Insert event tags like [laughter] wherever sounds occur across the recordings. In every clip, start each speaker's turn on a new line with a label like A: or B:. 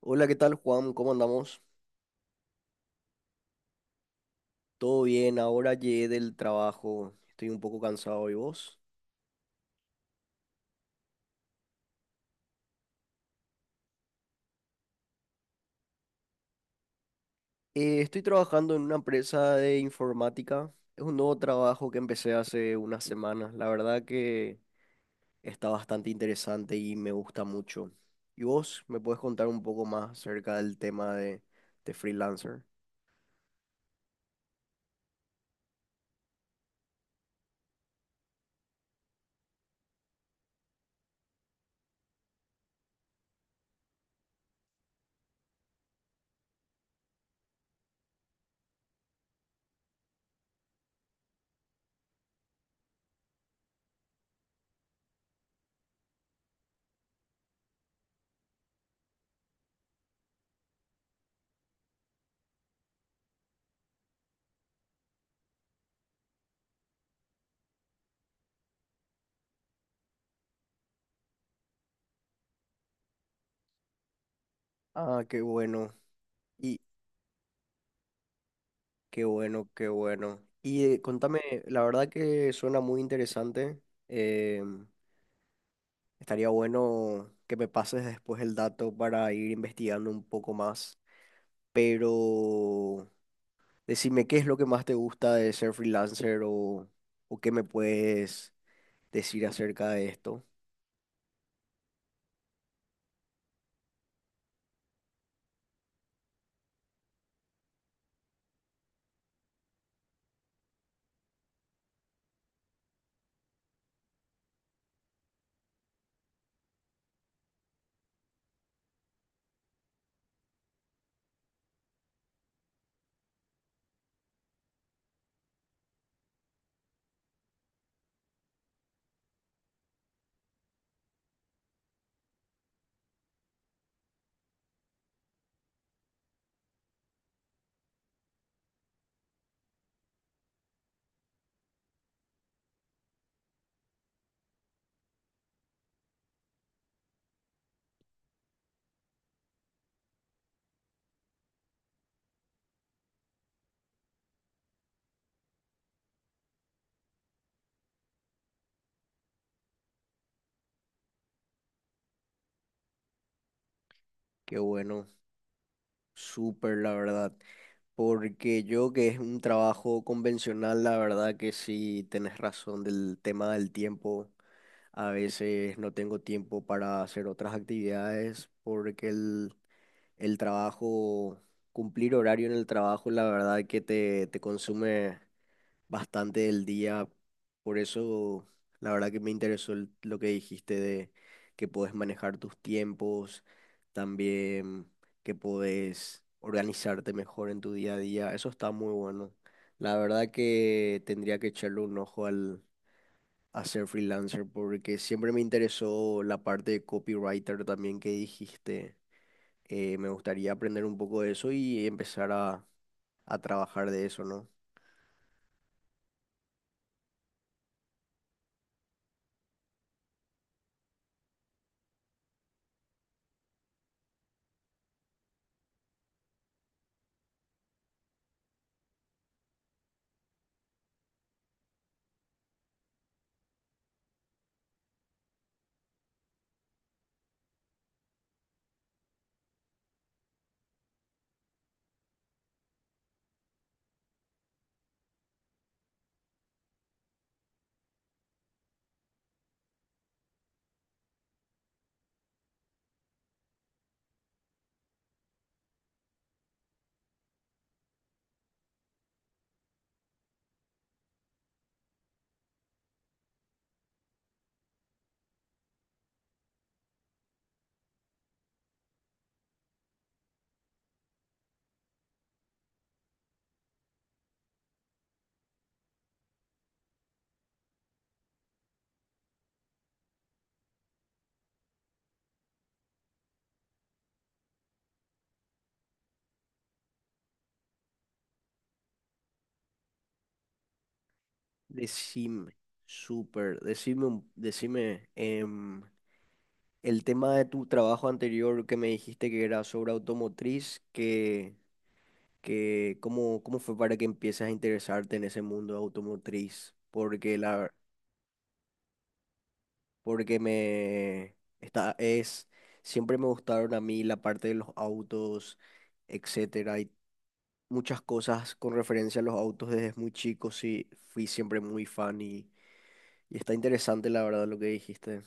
A: Hola, ¿qué tal, Juan? ¿Cómo andamos? Todo bien, ahora llegué del trabajo, estoy un poco cansado, ¿y vos? Estoy trabajando en una empresa de informática, es un nuevo trabajo que empecé hace unas semanas, la verdad que está bastante interesante y me gusta mucho. ¿Y vos me puedes contar un poco más acerca del tema de freelancer? Ah, qué bueno, y qué bueno, qué bueno. Y contame, la verdad que suena muy interesante. em, Estaría bueno que me pases después el dato para ir investigando un poco más. Pero decime qué es lo que más te gusta de ser freelancer o qué me puedes decir acerca de esto. Qué bueno, súper la verdad. Porque yo que es un trabajo convencional, la verdad que sí tenés razón del tema del tiempo. A veces no tengo tiempo para hacer otras actividades porque el trabajo, cumplir horario en el trabajo, la verdad que te consume bastante del día. Por eso, la verdad que me interesó lo que dijiste de que podés manejar tus tiempos, también que podés organizarte mejor en tu día a día. Eso está muy bueno. La verdad que tendría que echarle un ojo al a ser freelancer porque siempre me interesó la parte de copywriter también que dijiste. Me gustaría aprender un poco de eso y empezar a trabajar de eso, ¿no? Decime, súper, decime, decime, el tema de tu trabajo anterior que me dijiste que era sobre automotriz, que ¿cómo, cómo fue para que empieces a interesarte en ese mundo automotriz? Porque porque es, siempre me gustaron a mí la parte de los autos, etcétera, y muchas cosas con referencia a los autos desde muy chico, sí, fui siempre muy fan y está interesante la verdad lo que dijiste.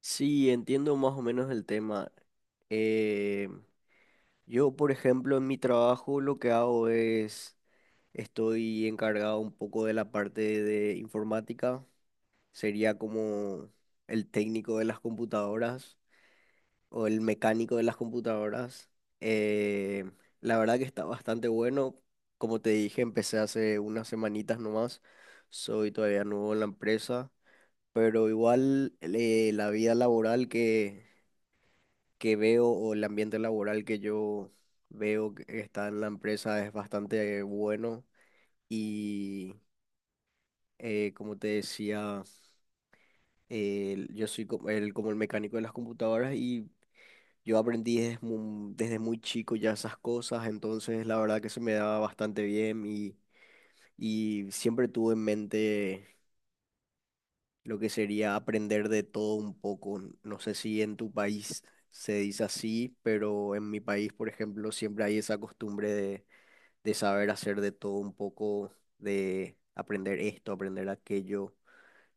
A: Sí, entiendo más o menos el tema. Eh, yo, por ejemplo, en mi trabajo lo que hago estoy encargado un poco de la parte de informática, sería como el técnico de las computadoras, o el mecánico de las computadoras. Eh, la verdad que está bastante bueno. Como te dije, empecé hace unas semanitas nomás. Soy todavía nuevo en la empresa, pero igual la vida laboral que veo o el ambiente laboral que yo veo que está en la empresa es bastante bueno. Y como te decía, yo soy como como el mecánico de las computadoras y yo aprendí desde muy chico ya esas cosas, entonces la verdad que se me daba bastante bien y siempre tuve en mente lo que sería aprender de todo un poco. No sé si en tu país se dice así, pero en mi país, por ejemplo, siempre hay esa costumbre de saber hacer de todo un poco, de aprender esto, aprender aquello.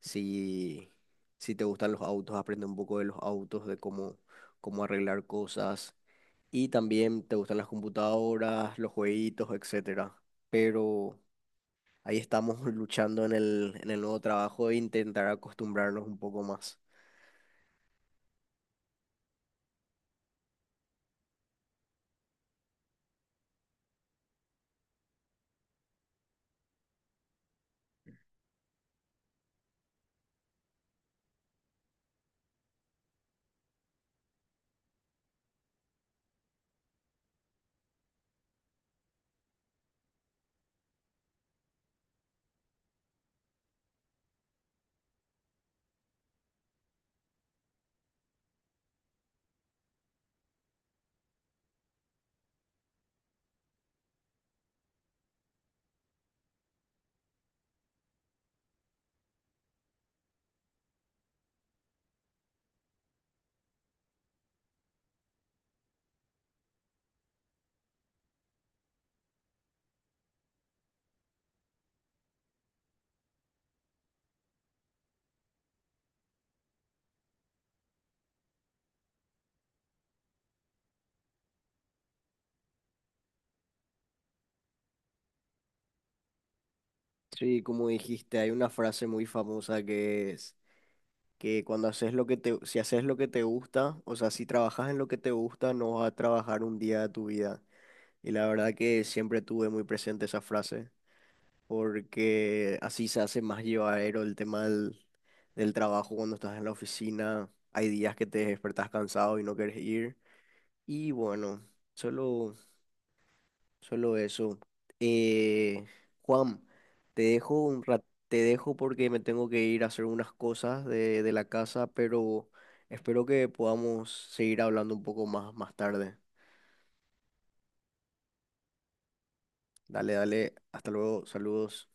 A: Si, si te gustan los autos, aprende un poco de los autos, de cómo arreglar cosas y también te gustan las computadoras, los jueguitos, etcétera. Pero ahí estamos [laughs] luchando en en el nuevo trabajo e intentar acostumbrarnos un poco más. Sí, como dijiste, hay una frase muy famosa que es que cuando haces lo que si haces lo que te gusta, o sea, si trabajas en lo que te gusta, no vas a trabajar un día de tu vida. Y la verdad que siempre tuve muy presente esa frase, porque así se hace más llevadero el tema del trabajo cuando estás en la oficina. Hay días que te despertás cansado y no quieres ir. Y bueno, solo, solo eso. Eh, Juan, te dejo un ra- te dejo porque me tengo que ir a hacer unas cosas de la casa, pero espero que podamos seguir hablando un poco más más tarde. Dale, dale, hasta luego, saludos.